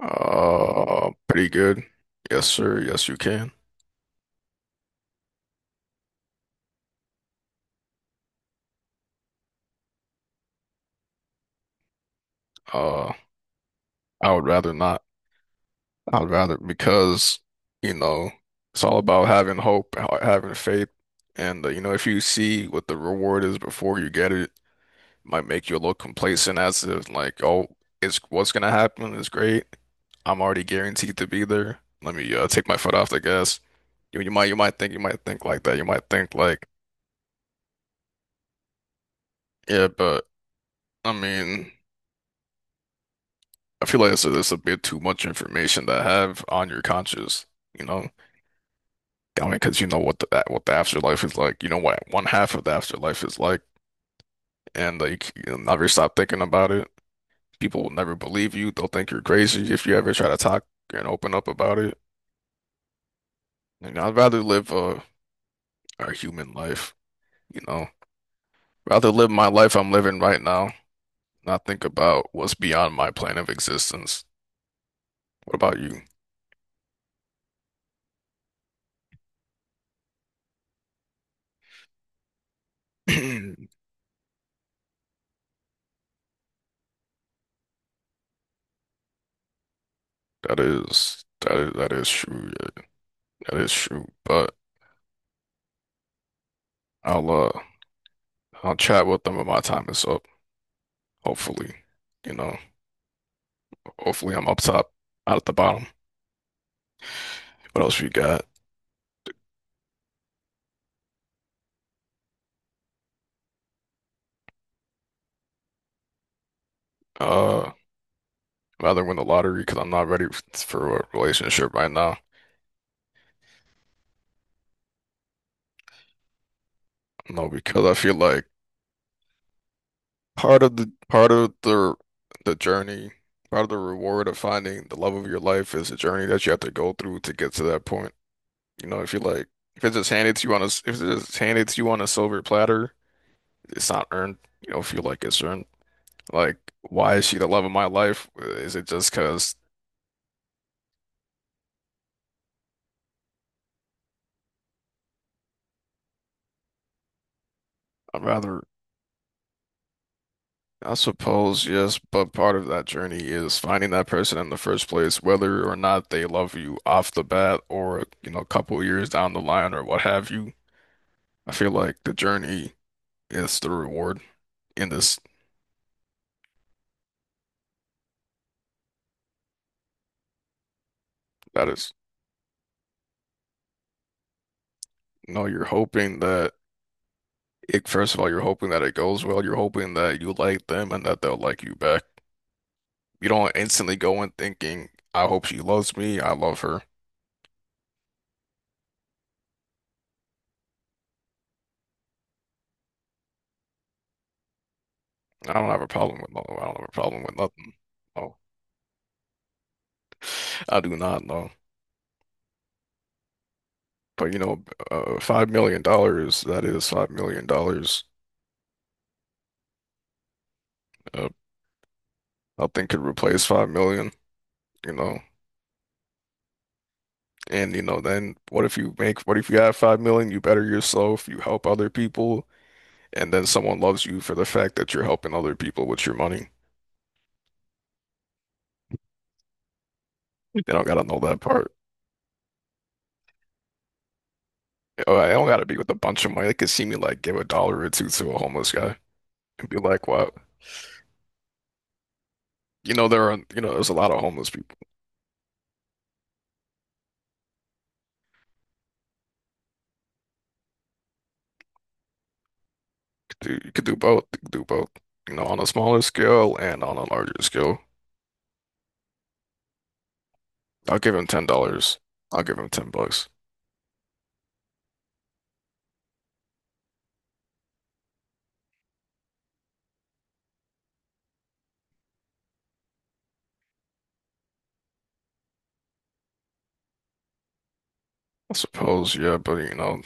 Pretty good. Yes, sir. Yes, you can. Uh, I would rather not. I would rather because, you know, it's all about having hope, having faith, and you know, if you see what the reward is before you get it, it might make you a little complacent as if like, oh, it's what's gonna happen is great. I'm already guaranteed to be there. Let me take my foot off the gas. You might think like that. You might think like, yeah, but I mean. I feel like it's a bit too much information to have on your conscience, you know? I mean, because you know what what the afterlife is like. You know what one half of the afterlife is like, and like you'll never stop thinking about it. People will never believe you. They'll think you're crazy if you ever try to talk and open up about it. And I'd rather live a human life, you know? Rather live my life I'm living right now, not think about what's beyond my plane of existence. What about you? That is true. Yeah, that is true. But I'll I'll chat with them when my time is up. Hopefully, you know, hopefully I'm up top, out at the bottom. What else you got? Uh, Rather win the lottery because I'm not ready for a relationship right now. No, because I feel like part of the journey, part of the reward of finding the love of your life is a journey that you have to go through to get to that point. You know, if you like, if it's just handed to you on a s- if it's just handed to you on a silver platter, it's not earned. You don't feel like it's earned. Like, why is she the love of my life? Is it just because I'm rather, I suppose, yes, but part of that journey is finding that person in the first place, whether or not they love you off the bat or, you know, a couple years down the line or what have you. I feel like the journey is the reward in this. That is, you know, you're hoping that first of all, you're hoping that it goes well. You're hoping that you like them and that they'll like you back. You don't instantly go in thinking, I hope she loves me, I love her. I don't have a problem with no. I don't have a problem with nothing. No, I do not know. But you know, $5 million, that is $5 million. Uh, Nothing could replace 5 million, you know. And you know, then what if you have 5 million, you better yourself, you help other people, and then someone loves you for the fact that you're helping other people with your money. They don't gotta know that part. Oh, I don't gotta be with a bunch of money. They could see me like give a dollar or two to a homeless guy and be like, wow. You know, there are, you know, there's a lot of homeless people. Dude, you could do both. You could do both. You know, on a smaller scale and on a larger scale. I'll give him $10. I'll give him ten bucks. I suppose, yeah, but you know,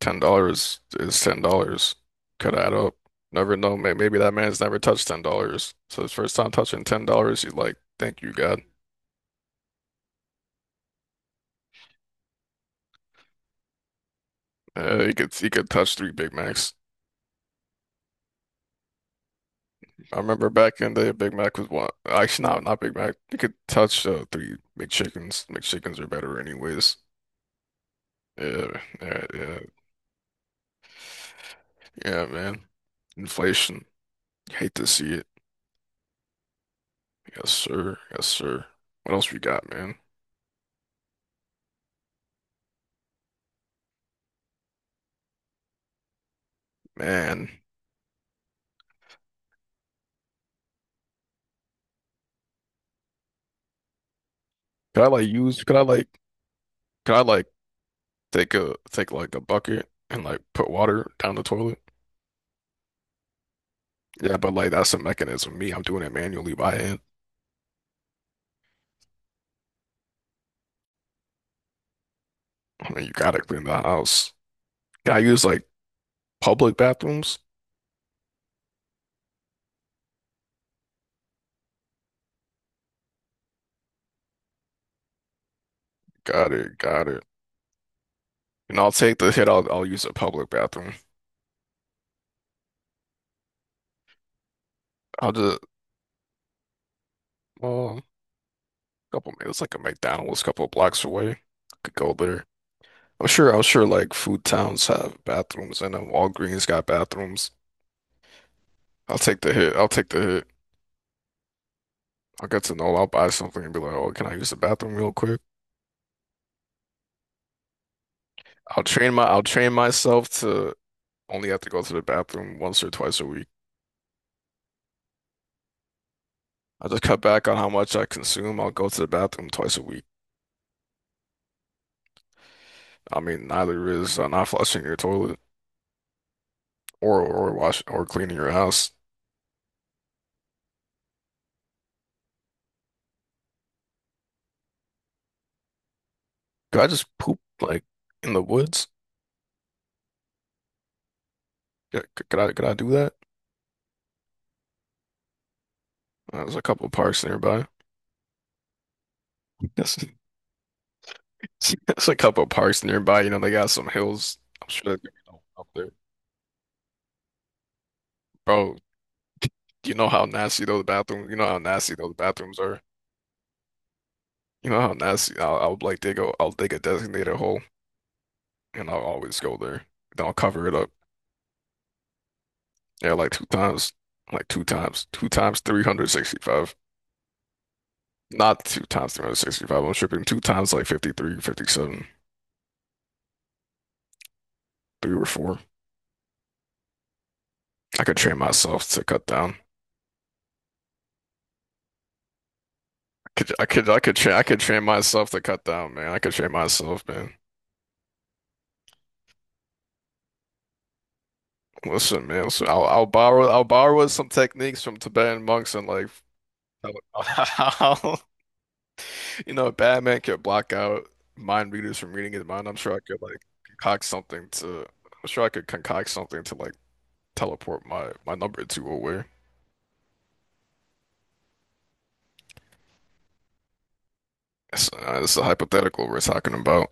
$10 is $10. Could add up. Never know. Maybe that man's never touched $10. So his first time touching $10, he's like, "Thank you, God." He could touch three Big Macs. I remember back in the day, Big Mac was one. Actually, no, not Big Mac. You could touch three McChickens. McChickens are better anyways. Yeah, yeah, yeah. Yeah, man. Inflation. Hate to see it. Yes, sir. Yes, sir. What else we got, man? Man. Could I like use could I like take a take like a bucket and like put water down the toilet? Yeah, but like that's a mechanism. Me, I'm doing it manually by hand. I mean you gotta clean the house. Can I use like public bathrooms? Got it, got it. And I'll take the hit, I'll use a public bathroom. I'll just well, a couple minutes like a McDonald's a couple blocks away. Could go there. I'm sure like food towns have bathrooms and then Walgreens got bathrooms. I'll take the hit. I'll take the hit. I'll get to know. I'll buy something and be like, oh, can I use the bathroom real quick? I'll train myself to only have to go to the bathroom once or twice a week. I'll just cut back on how much I consume. I'll go to the bathroom twice a week. I mean, neither is not flushing your toilet or wash or cleaning your house. Could I just poop like in the woods? Could I do that? There's a couple parks nearby. Yes. There's a couple of parks nearby. You know, they got some hills. I'm sure they're you know, up there. Bro, you know how nasty those bathrooms are. You know how nasty. I'll like I'll dig a designated hole, and I'll always go there. Then I'll cover it up. Yeah, like two times, two times 365. Not two times 365. I'm tripping. Two times like 53, 57, three or four. I could train myself to cut down. I could train myself to cut down, man. I could train myself, man. Listen, man, listen, I'll borrow some techniques from Tibetan monks and like how you know Batman could block out mind readers from reading his mind. Concoct something to I'm sure I could concoct something to like teleport my number two away. That's a hypothetical we're talking about.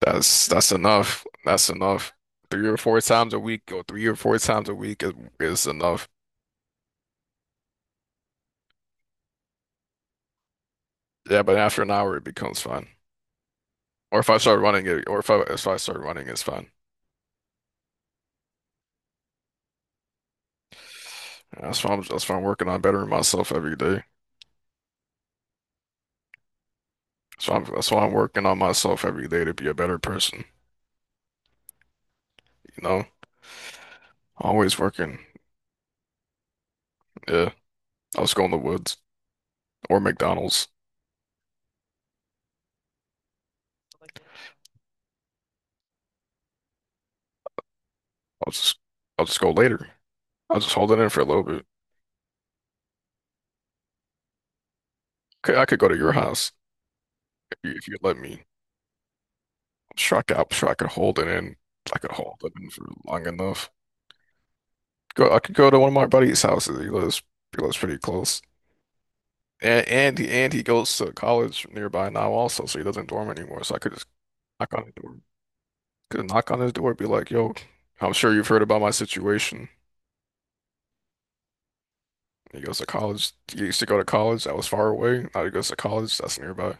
That's enough. Three or four times a week is enough. Yeah, but after an hour it becomes fine. Or if I start running it, or if I start running, it's fine. That's why I'm working on bettering myself every day. That's why I'm working on myself every day to be a better person. You know, always working. Yeah, I'll just go in the woods or McDonald's. I'll just I'll just go later. I'll just hold it in for a little bit. Okay, I could go to your house if you let me. I'm sure I could hold it in. I could hold it in for long enough. I could go to one of my buddy's houses. He lives pretty close. And and he goes to college nearby now also, so he doesn't dorm anymore. So I could just knock on the door. Could knock on his door, be like, "Yo, I'm sure you've heard about my situation." He goes to college. He used to go to college that was far away. Now he goes to college that's nearby.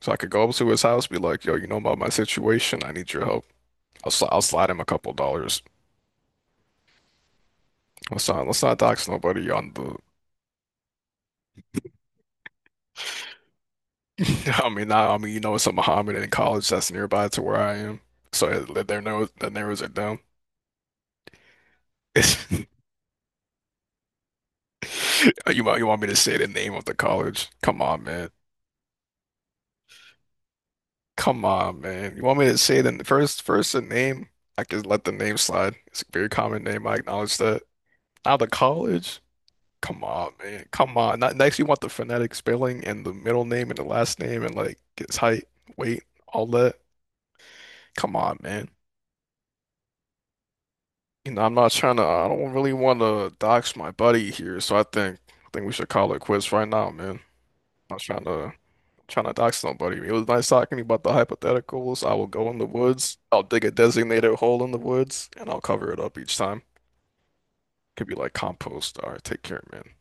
So I could go up to his house, be like, "Yo, you know about my situation? I need your help." I'll slide him a couple dollars. Let's not dox nobody on the. I mean, not, I mean, you know, it's a Mohammedan in college that's nearby to where I am. So that narrows it down. You want me to say the name of the college? Come on, man. Come on, man. You want me to say the first the name? I can let the name slide. It's a very common name. I acknowledge that. Out the college? Come on, man. Come on. Not, next, you want the phonetic spelling and the middle name and the last name and like his height, weight, all that. Come on, man. You know, I'm not trying to. I don't really want to dox my buddy here, so I think we should call it quits right now, man. I'm not trying to. Trying to dox nobody. It was nice talking to you about the hypotheticals. I will go in the woods. I'll dig a designated hole in the woods and I'll cover it up each time. Could be like compost. All right, take care, man.